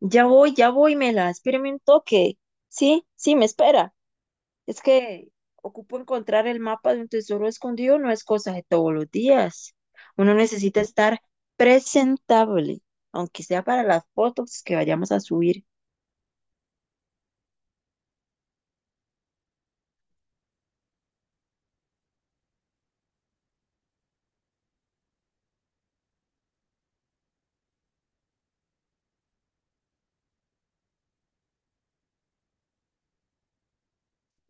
Ya voy, Mela, espérame un toque. Sí, sí, me espera. Es que ocupo encontrar el mapa de un tesoro escondido, no es cosa de todos los días. Uno necesita estar presentable, aunque sea para las fotos que vayamos a subir.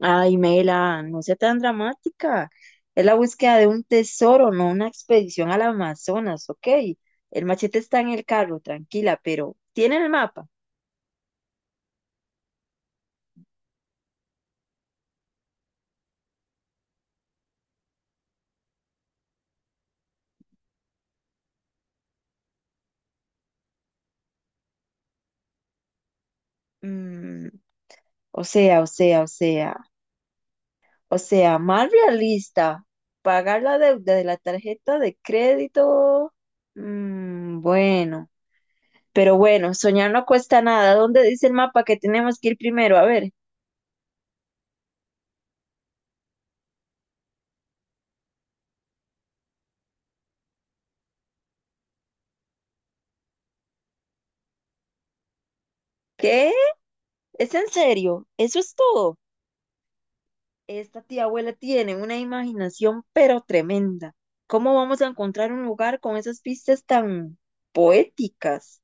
Ay, Mela, no sea tan dramática. Es la búsqueda de un tesoro, no una expedición al Amazonas, ¿ok? El machete está en el carro, tranquila, pero ¿tiene el mapa? Mm, o sea, o sea, o sea. O sea, más realista, pagar la deuda de la tarjeta de crédito. Bueno, pero bueno, soñar no cuesta nada. ¿Dónde dice el mapa que tenemos que ir primero? A ver, ¿qué? ¿Es en serio? ¿Eso es todo? Esta tía abuela tiene una imaginación pero tremenda. ¿Cómo vamos a encontrar un lugar con esas pistas tan poéticas?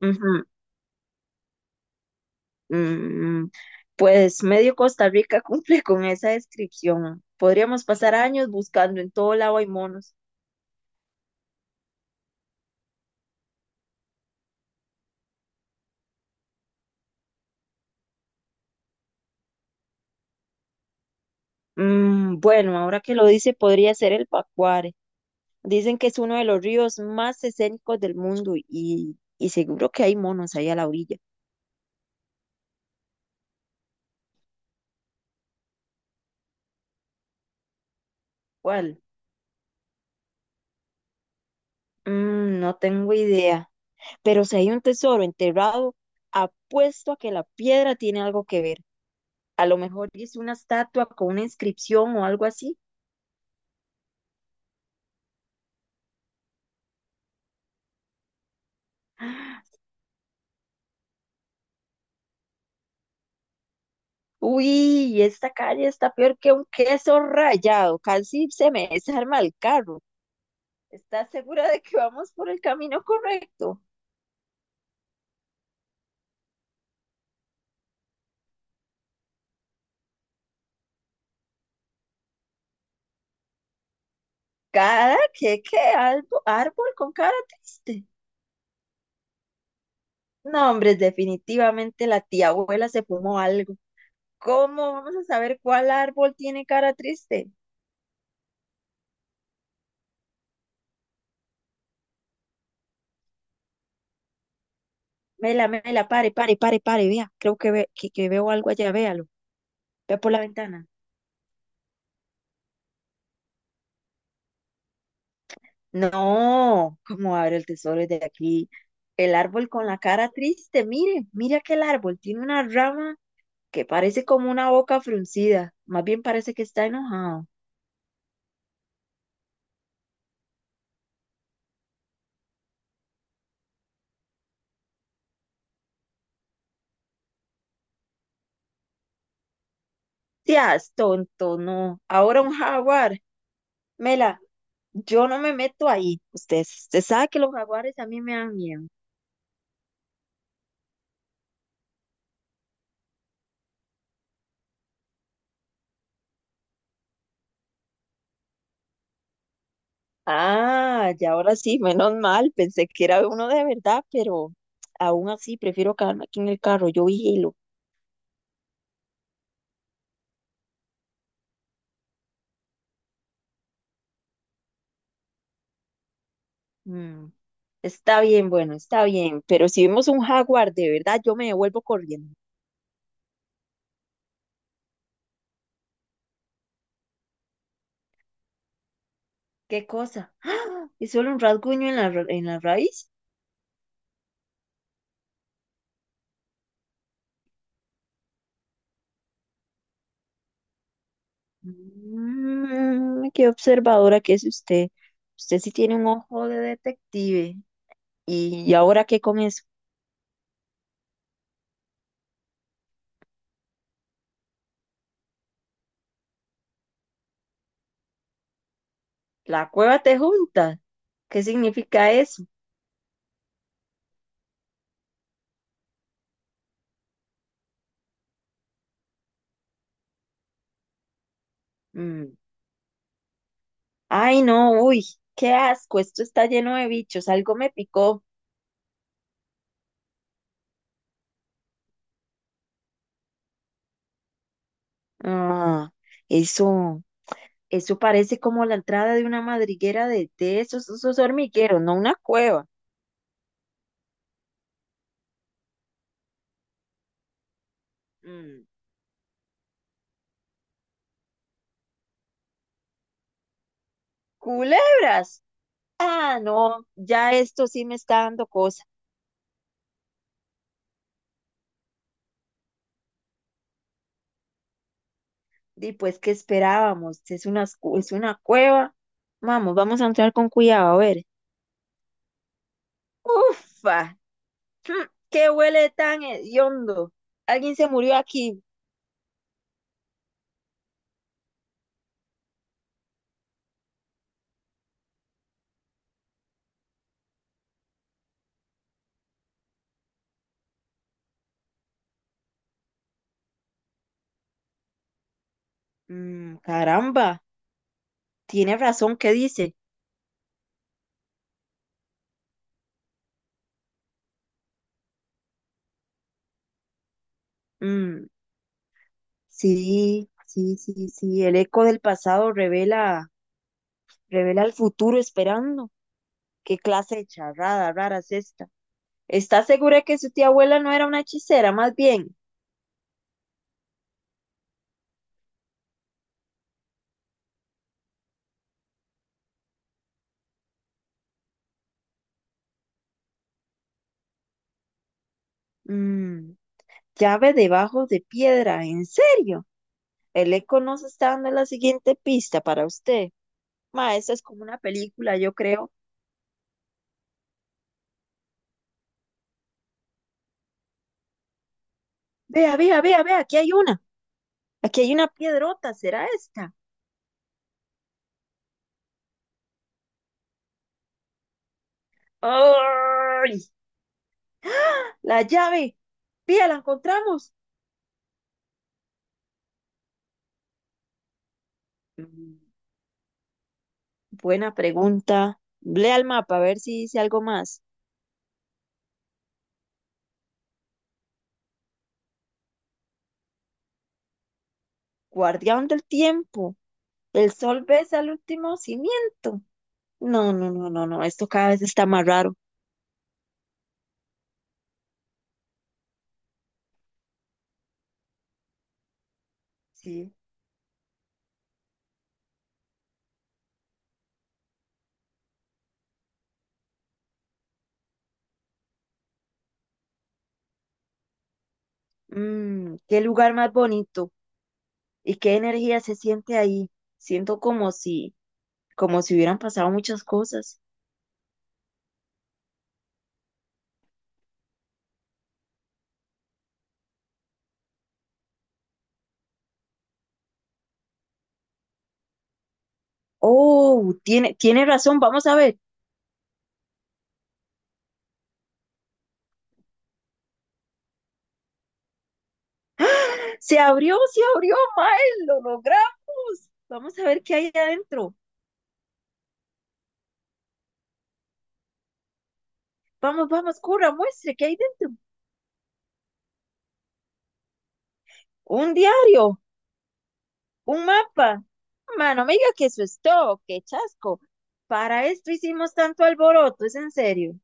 Ujú. Mm, mm, pues medio Costa Rica cumple con esa descripción. Podríamos pasar años buscando en todo lado hay monos. Bueno, ahora que lo dice, podría ser el Pacuare. Dicen que es uno de los ríos más escénicos del mundo y seguro que hay monos ahí a la orilla. ¿Cuál? No tengo idea. Pero si hay un tesoro enterrado, apuesto a que la piedra tiene algo que ver. A lo mejor es una estatua con una inscripción o algo así. Uy, esta calle está peor que un queso rallado, casi se me desarma el carro. ¿Estás segura de que vamos por el camino correcto? Cada que qué albo- Árbol con cara triste. No, hombre, definitivamente la tía abuela se fumó algo. ¿Cómo vamos a saber cuál árbol tiene cara triste? Mela, mela, pare, pare, pare, pare, vea. Creo que veo algo allá, véalo. Ve por la ventana. No, ¿cómo abre el tesoro de aquí? El árbol con la cara triste, mire, mire aquel árbol, tiene una rama que parece como una boca fruncida, más bien parece que está enojado. Seas tonto, no. Ahora un jaguar. Mela, yo no me meto ahí. Usted sabe que los jaguares a mí me dan miedo. Ah, ya ahora sí, menos mal, pensé que era uno de verdad, pero aún así prefiero quedarme aquí en el carro. Yo vigilo. Mm. Está bien, bueno, está bien, pero si vemos un jaguar de verdad, yo me devuelvo corriendo. ¿Qué cosa? ¡Ah! ¿Es solo un rasguño en en la raíz? Qué observadora que es usted. Usted sí tiene un ojo de detective. ¿Y ahora qué con eso. La cueva te junta. ¿Qué significa eso? Mm. Ay, no, uy, qué asco, esto está lleno de bichos, algo me picó. Ah, eso. Eso parece como la entrada de una madriguera de esos, esos hormigueros, no una cueva. Mm. Culebras. Ah, no, ya esto sí me está dando cosa. Y pues, ¿qué esperábamos? Es es una cueva. Vamos, vamos a entrar con cuidado, a ver. Ufa, mm, qué huele tan hediondo. Alguien se murió aquí. Caramba, tiene razón, ¿qué dice? Mm, sí, sí, sí, sí, el eco del pasado revela. Revela el futuro esperando. ¿Qué clase de charrada rara es esta? ¿Está segura que su tía abuela no era una hechicera, más bien? Mm, llave debajo de piedra, ¿en serio? El eco nos está dando la siguiente pista para usted. Ma, esa es como una película, yo creo. Vea, vea, vea, vea, aquí hay una. Aquí hay una piedrota, ¿será esta? ¡Ay! La llave. Pía, la encontramos. Mm, Buena pregunta. Lea el mapa a ver si dice algo más. Guardián del tiempo. El sol besa el último cimiento. No, no, no, no, no. Esto cada vez está más raro. Sí. Mm, qué lugar más bonito y qué energía se siente ahí. Siento como si hubieran pasado muchas cosas. Oh, tiene razón. Vamos a ver. Se abrió, Mae. Lo logramos. Vamos a ver qué hay adentro. Vamos, vamos, corra, muestre qué hay dentro. Un diario. Un mapa. Mano, me diga que eso es todo, qué chasco. Para esto hicimos tanto alboroto, es en serio.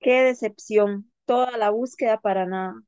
Qué decepción, toda la búsqueda para nada.